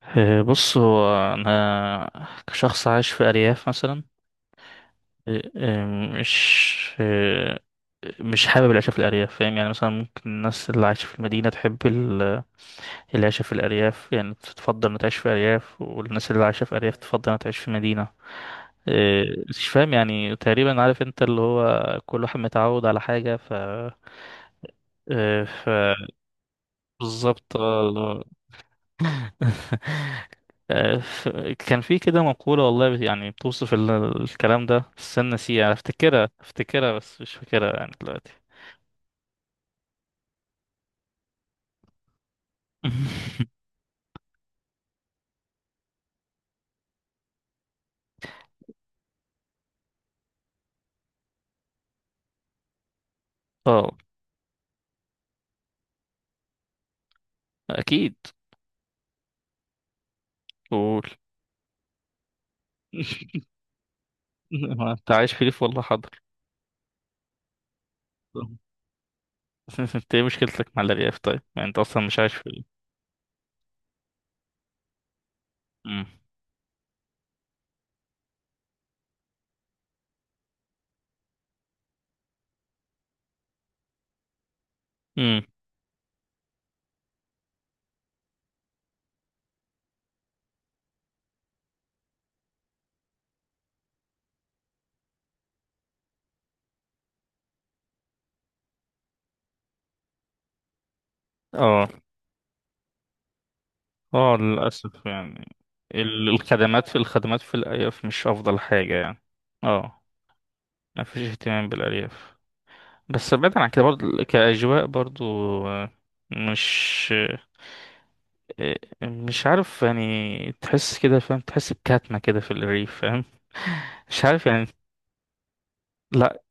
بص هو أنا كشخص عايش في أرياف مثلا. إيه، إيه، مش إيه، مش حابب العيشة في الأرياف، فاهم؟ يعني مثلا ممكن الناس اللي عايشة في المدينة تحب العيشة في الأرياف، يعني تفضل إنها تعيش في أرياف، والناس اللي عايشة في أرياف تفضل إنها تعيش في مدينة. مش فاهم يعني، تقريبا عارف، أنت اللي هو كل واحد متعود على حاجة، ف إيه، ف بالظبط. آه، ف- كان في كده مقولة والله يعني بتوصف الكلام ده، بس أنا نسيها، أفتكرها بس مش فاكرها يعني دلوقتي. اه أكيد. قول. ما أنت عايش في ريف، والله حاضر. بس أنت إيه مشكلتك مع الأرياف طيب؟ يعني أنت أصلا مش عايش في ريف. أمم. أمم. اه اه، للأسف يعني، الخدمات في الأرياف مش أفضل حاجة يعني. اه، مفيش اهتمام بالأرياف. بس بعيدا عن كده، برضه كأجواء برضه، آه، مش آه، مش عارف يعني، تحس كده، فاهم؟ تحس بكتمة كده في الريف، فاهم؟ مش عارف يعني. لا،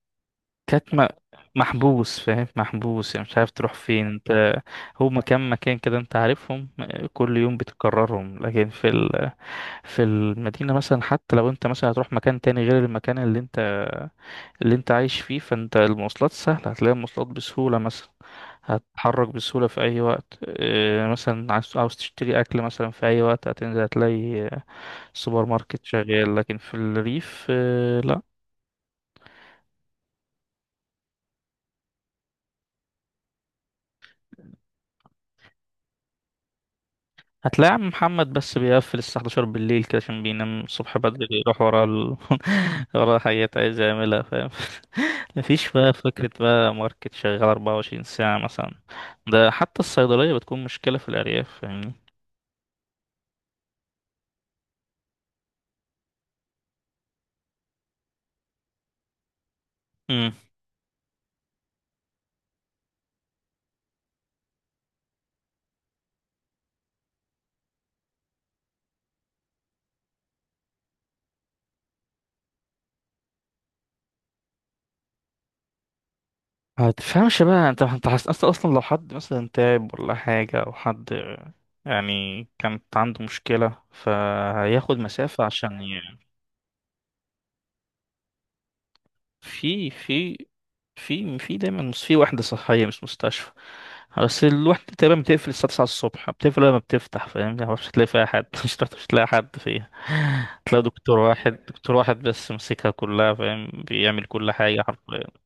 كتمة. محبوس، فاهم؟ محبوس، يعني مش عارف تروح فين انت. هو مكان كده انت عارفهم، كل يوم بتكررهم، لكن في ال... في المدينة مثلا، حتى لو انت مثلا هتروح مكان تاني غير المكان اللي انت اللي انت عايش فيه، فانت المواصلات سهلة، هتلاقي المواصلات بسهولة مثلا، هتتحرك بسهولة في أي وقت. اه، مثلا عاوز تشتري أكل مثلا في أي وقت، هتنزل هتلاقي السوبر ماركت شغال. لكن في الريف، اه، لا. هتلاقي عم محمد بس بيقفل الساعة 11 بالليل كده، عشان بينام الصبح بدري يروح ورا ال... ورا حاجات عايز يعملها، فاهم؟ مفيش بقى فكرة بقى ماركت شغال 24 ساعة مثلا. ده حتى الصيدلية بتكون مشكلة في الأرياف، فاهمني؟ ما تفهمش بقى انت، حاسس اصلا؟ اصلا لو حد مثلا تعب ولا حاجة، او حد يعني كانت عنده مشكلة، فهياخد مسافة عشان يعني. في في في دايما في وحدة صحية مش مستشفى، بس الوحدة تقريبا بتقفل الساعة 9 الصبح، بتقفل لما بتفتح، فاهم يعني؟ مش هتلاقي فيها حد. مش هتلاقي حد فيها. هتلاقي دكتور واحد بس ماسكها كلها، فاهم؟ بيعمل كل حاجة حرفيا.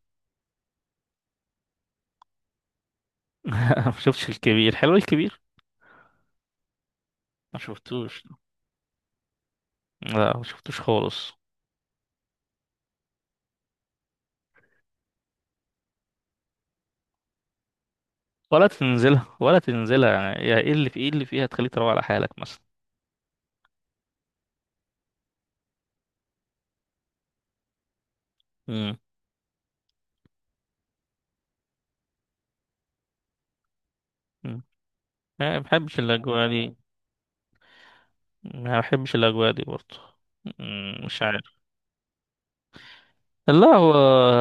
ما شفتش الكبير. حلو الكبير. ما شفتوش. لا ما شفتوش خالص. ولا تنزلها، ولا تنزلها. يعني يا ايه اللي في، ايه اللي فيها تخليك تروح على حالك مثلا؟ امم. أمم. ما بحبش الاجواء دي. ما بحبش الاجواء دي برضه. أمم، مش عارف. لا هو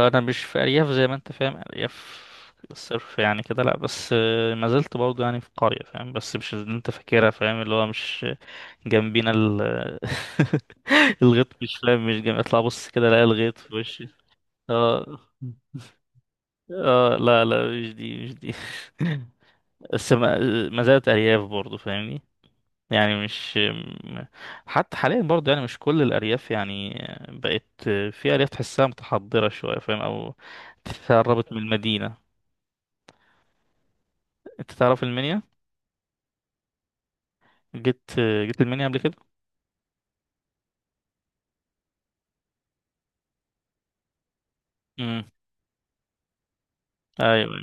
انا مش في ارياف زي ما انت فاهم ارياف الصرف يعني كده، لا، بس ما زلت برضه يعني في قرية، فاهم؟ بس مش اللي انت فاكرها، فاهم؟ اللي هو مش جنبينا ال الغيط، مش فاهم، مش جنب اطلع بص كده الاقي الغيط في وشي. اه اه، لا لا، مش دي، مش دي. بس ما، ما زالت ارياف برضه، فاهمني؟ يعني مش م- حتى حاليا برضه يعني مش كل الارياف يعني بقت. في ارياف تحسها متحضره شويه، فاهم؟ او تقربت من المدينه. انت تعرف المنيا؟ جيت جيت المنيا قبل كده؟ امم. ايوه،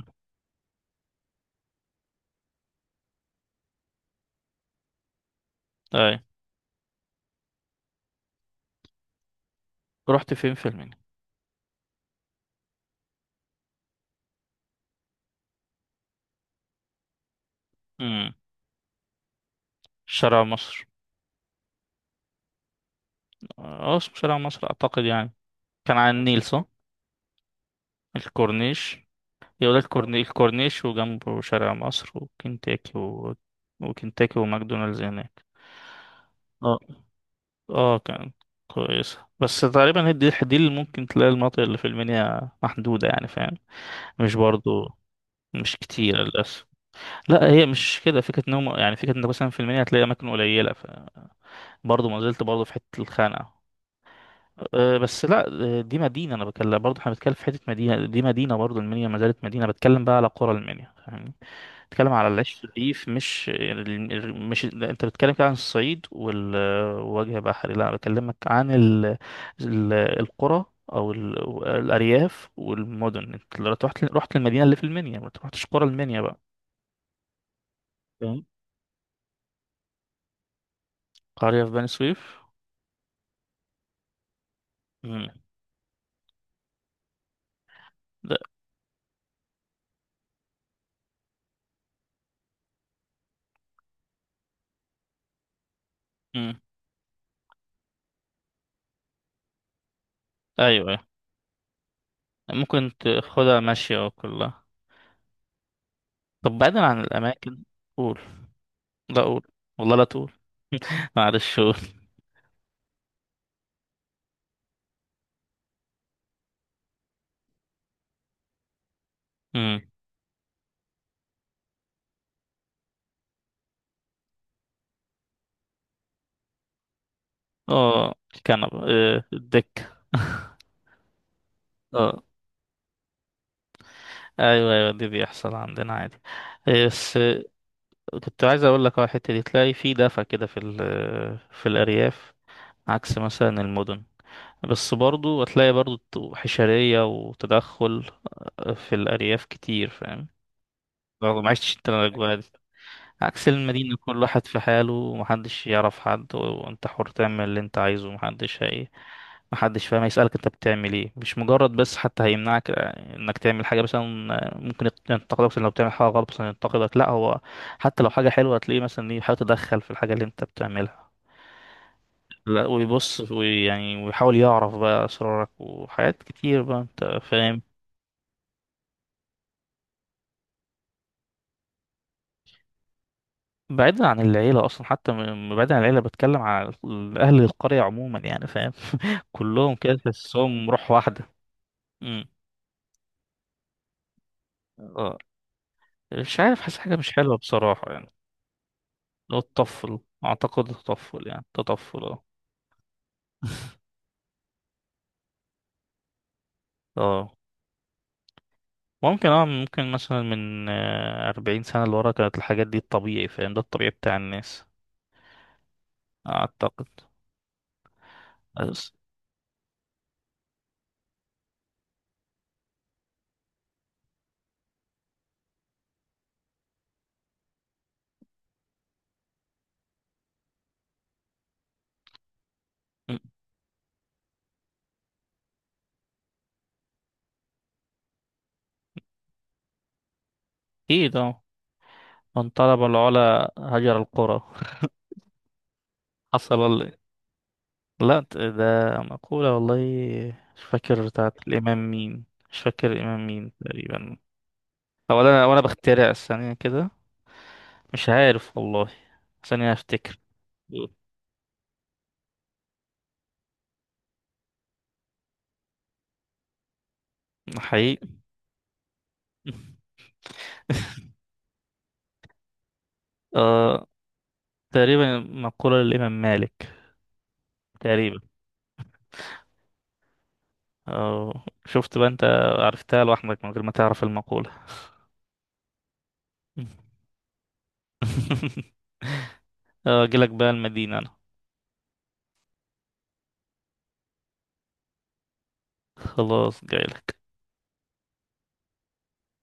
ايوه، أيوة. رحت فين في المنيا؟ امم. شارع مصر. اه، اسمه شارع مصر اعتقد يعني. كان على النيل، صح؟ الكورنيش. يقول لك الكورنيش، وجنبه شارع مصر وكنتاكي و... وكنتاكي وماكدونالدز هناك. اه اه، كان كويس. بس تقريبا هي دي اللي ممكن تلاقي، المناطق اللي في المنيا محدودة يعني، فاهم؟ مش برضو مش كتير، للأسف. لا، هي مش كده فكرة إن هم يعني، فكرة إنك مثلا في المنيا هتلاقي أماكن قليلة، ف برضه ما زلت برضه في حتة الخانقة. أه، بس لا، أه، دي مدينة، أنا بتكلم، برضه احنا بنتكلم في حتة مدينة، دي مدينة برضه، المنيا ما زالت مدينة، بتكلم بقى على قرى المنيا، فاهمني؟ بتتكلم على العيش الرغيف، مش، مش، لا، انت بتتكلم كده عن الصعيد والوجه بحري، لا انا بكلمك عن ال... ال... القرى، او ال... الارياف والمدن، انت لو رحت، رحت المدينه اللي في المنيا، ما تروحتش قرى المنيا بقى. فاهم. قريه في بني سويف. مم. لا. مم. ايوه، أيوة. ممكن تاخدها ماشيه كلها. طب بعيدا عن الاماكن. قول. لا قول. والله لا تقول. معلش قول. مم. اه، كنبه. آه، اه. ايوه ايوه، دي بيحصل عندنا عادي. بس كنت عايز اقول لك على الحته دي، تلاقي في دفع كده في في الارياف، عكس مثلا المدن. بس برضو هتلاقي برضو حشريه، وتدخل في الارياف كتير، فاهم؟ برضو ما عشتش انت الاجواء دي. عكس المدينة، كل واحد في حاله، ومحدش يعرف حد، وانت حر تعمل اللي انت عايزه، ومحدش هي ايه، محدش فاهم هيسألك انت بتعمل ايه، مش مجرد بس حتى هيمنعك انك تعمل حاجة مثلا. ينتقدك مثلاً لو بتعمل حاجة غلط مثلا، ينتقدك. لا هو حتى لو حاجة حلوة هتلاقيه مثلا ايه بيحاول يتدخل في الحاجة اللي انت بتعملها. لا، ويبص ويعني ويحاول يعرف بقى أسرارك وحاجات كتير بقى، انت فاهم. بعيدا عن العيلة أصلا، بعيدا عن العيلة، بتكلم على أهل القرية عموما يعني، فاهم؟ كلهم كده تحسهم روح واحدة. امم. اه، مش عارف، حاسس حاجة مش حلوة بصراحة يعني. هو التطفل، أعتقد التطفل، يعني التطفل اه. اه، ممكن اه، ممكن مثلا من 40 سنة لورا كانت الحاجات دي الطبيعي، فاهم؟ ده الطبيعي بتاع الناس. أعتقد. بس. أمم، أكيد اه. من طلب العلا هجر القرى. حصل. لا، ده مقولة والله، مش فاكر بتاعت الإمام مين، مش فاكر الإمام مين تقريبا. أو أنا بخترع ثانية كده، مش عارف والله، ثانية أفتكر. حقيقي. آه. تقريبا مقولة للإمام مالك، تقريبا. آه، شفت بقى أنت؟ عرفتها لوحدك من غير ما تعرف المقولة. أجيلك بقى المدينة أنا. خلاص جايلك.